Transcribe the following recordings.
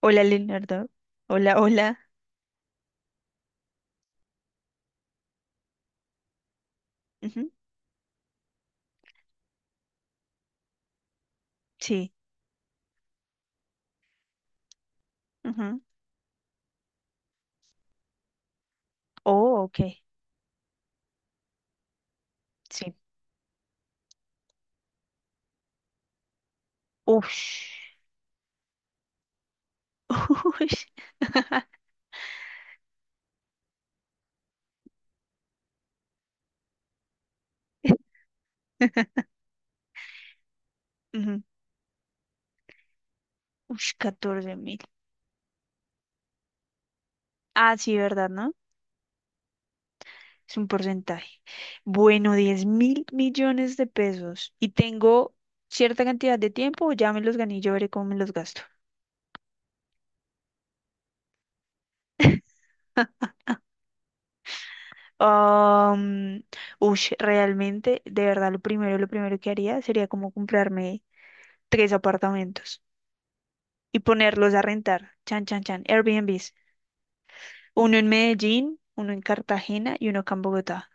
Hola, Leonardo. Hola, hola. Ujú. Sí. Ujú. Oh, ok. Sí. Ush. Ush. Ujú. Ush, catorce mil. Ah, sí, ¿verdad, no? Es un porcentaje. Bueno, diez mil millones de pesos. Y tengo cierta cantidad de tiempo, o ya me los gané, y yo veré cómo me los gasto. Um, ush, realmente, de verdad, lo primero que haría sería como comprarme tres apartamentos y ponerlos a rentar. Chan, chan, chan. Airbnbs. Uno en Medellín, uno en Cartagena y uno acá en Bogotá.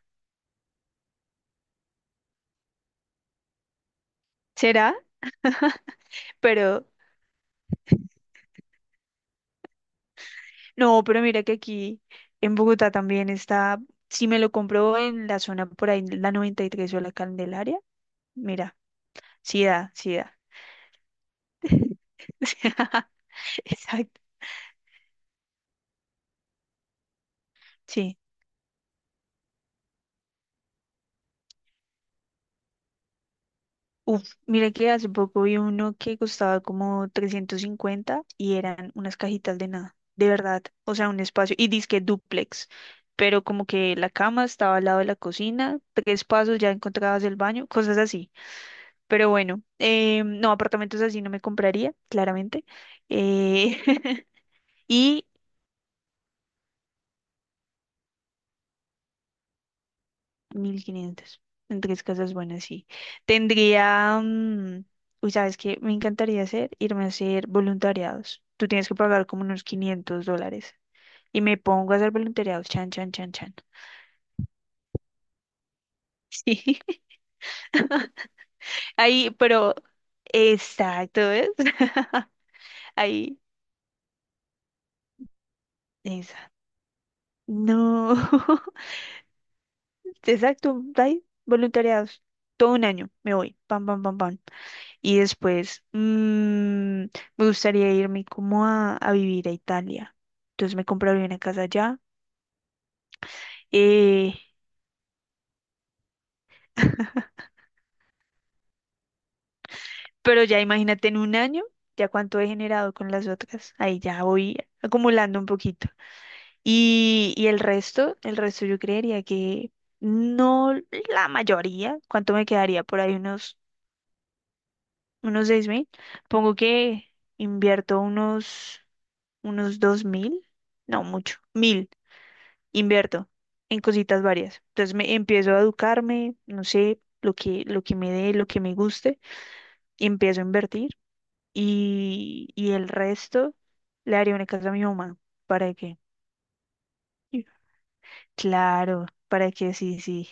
¿Será? Pero no, pero mira que aquí en Bogotá también está. Si me lo compro en la zona por ahí, la 93 o la Candelaria, mira, sí da. Exacto. Sí. Uf, mire que hace poco vi uno que costaba como 350 y eran unas cajitas de nada, de verdad, o sea, un espacio, y dizque dúplex, pero como que la cama estaba al lado de la cocina, tres pasos ya encontrabas el baño, cosas así. Pero bueno, no, apartamentos así no me compraría, claramente. Eh, y mil quinientos en tres casas buenas, sí. Tendría. Uy, ¿sabes qué? Me encantaría hacer, irme a hacer voluntariados. Tú tienes que pagar como unos 500 dólares. Y me pongo a hacer voluntariados. Chan, chan, chan, chan. Sí. Ahí, pero. Exacto, ¿ves? Ahí. Esa. No. Exacto. Ahí. Voluntariados. Todo un año. Me voy. Pam, pam, pam, pam. Y después me gustaría irme como a vivir a Italia. Entonces me compraría una casa allá. Eh, pero ya imagínate en un año, ya cuánto he generado con las otras. Ahí ya voy acumulando un poquito. Y el resto yo creería que no la mayoría. ¿Cuánto me quedaría? Por ahí unos, unos seis mil. Pongo que invierto unos, unos dos mil. No, mucho. Mil. Invierto en cositas varias. Entonces me empiezo a educarme, no sé, lo que me dé, lo que me guste, y empiezo a invertir y el resto le haré una casa a mi mamá. ¿Para qué? Y- Claro, para que sí, sí.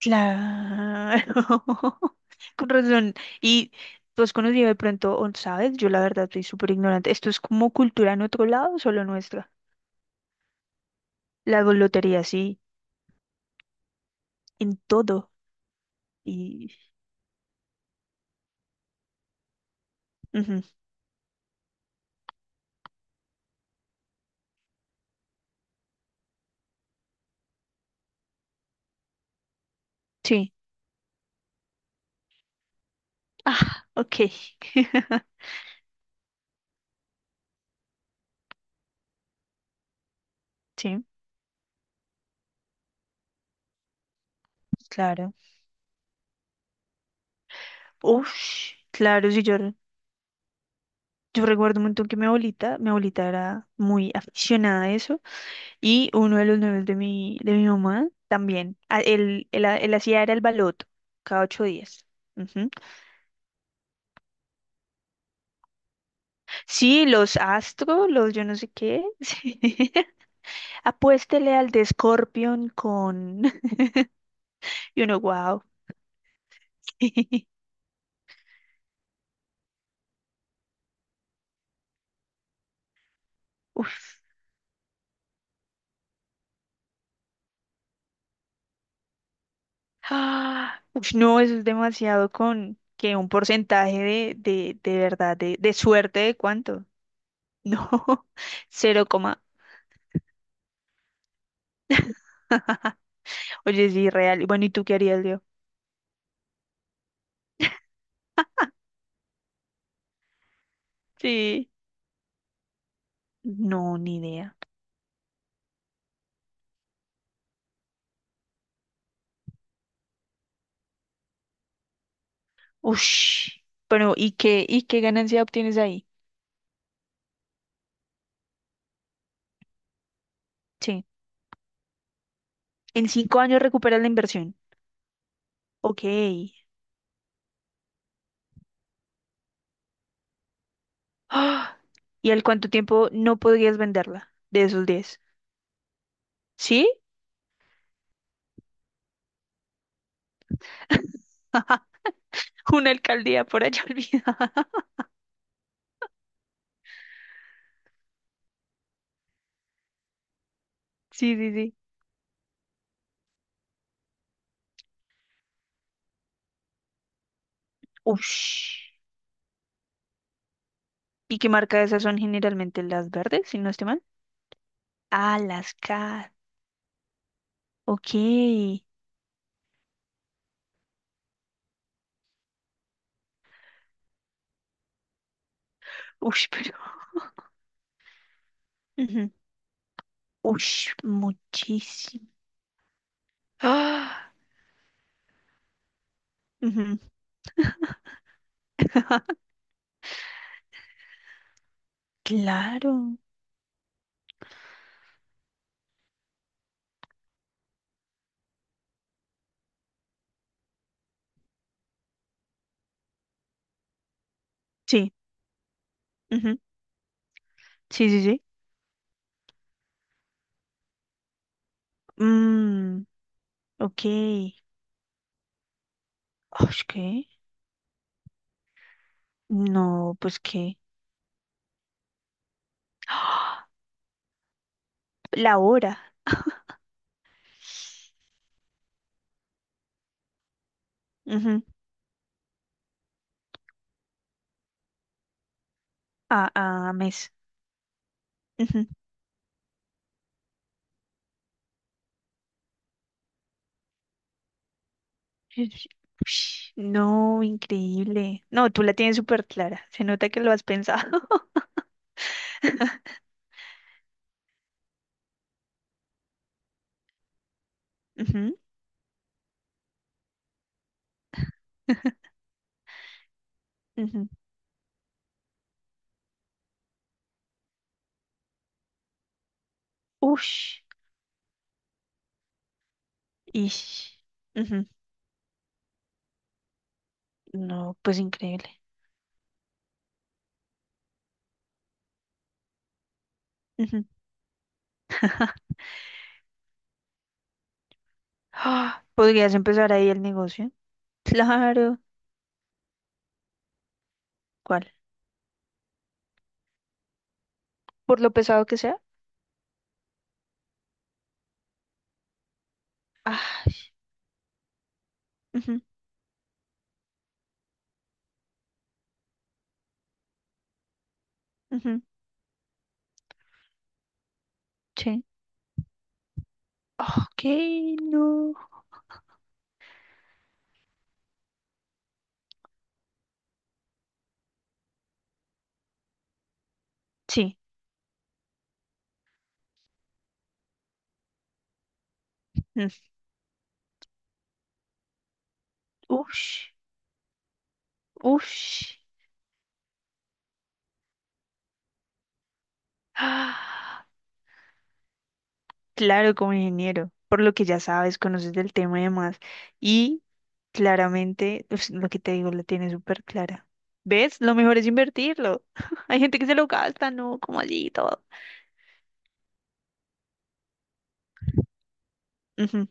Claro. Con razón. Y tú has conocido de pronto, o ¿sabes? Yo la verdad soy súper ignorante. ¿Esto es como cultura en otro lado o solo nuestra? La lotería, sí, en todo. Y ujú. Sí. Ah, ok. Sí, claro. Ush, claro, sí, yo, re- yo recuerdo un montón que mi abuelita era muy aficionada a eso y uno de los novios de mi mamá también, a- él hacía era el baloto cada ocho días. Ujú. Sí, los astros, los yo no sé qué. sí. Apuéstele al de Scorpion con... Y uno, wow. Uf. Ah, uf, no, eso es demasiado con que un porcentaje de verdad, de suerte de cuánto. No, cero coma. Oye, es irreal. Y bueno, ¿y tú qué harías, Leo? Sí. No, ni idea. Ush. Pero, y qué ganancia obtienes ahí? Sí. En cinco años recuperas la inversión. Ok. Ah, ¿y al cuánto tiempo no podrías venderla de esos diez? ¿Sí? Una alcaldía por allá olvidada. Sí, sí, sí. Ush. ¿Y qué marca de esas son generalmente las verdes, si no estoy mal? Ah, las K. Ok. Uy, pero. Ujú. Uy, muchísimo. Ah, ujú. Claro. Sí. Ujú. Sí, sí, sí. Mm, ok. Ah, ¿qué? No, pues qué. Ah. La hora. Ujú. Ah, ah, mes. Ujú. Ush, ush. No, increíble. No, tú la tienes súper clara. Se nota que lo has pensado. Ujú, ujú. Ush, ish. Ujú. No, pues increíble. Ujú. Ah, ¿podrías empezar ahí el negocio? Claro. ¿Cuál? Por lo pesado que sea. Ay, ujú, ujú. Sí. Ok, no. Sí. Mm, ush, ush. Ah, claro, como ingeniero. Por lo que ya sabes, conoces del tema y demás. Y claramente, pues, lo que te digo, la tiene súper clara. ¿Ves? Lo mejor es invertirlo. Hay gente que se lo gasta, ¿no? Como allí y todo. Ujú.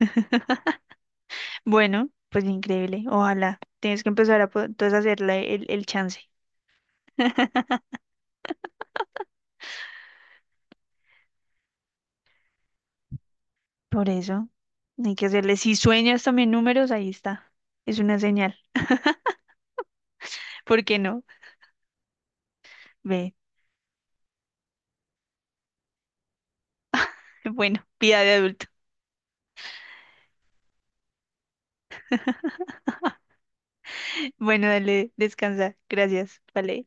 Bueno, pues increíble. Ojalá. Tienes que empezar a po- entonces hacerle el chance. Por eso, hay que hacerle. Si sueñas también números, ahí está. Es una señal. ¿Por qué no? Ve. Bueno, vida de adulto. Bueno, dale, descansa. Gracias. Vale.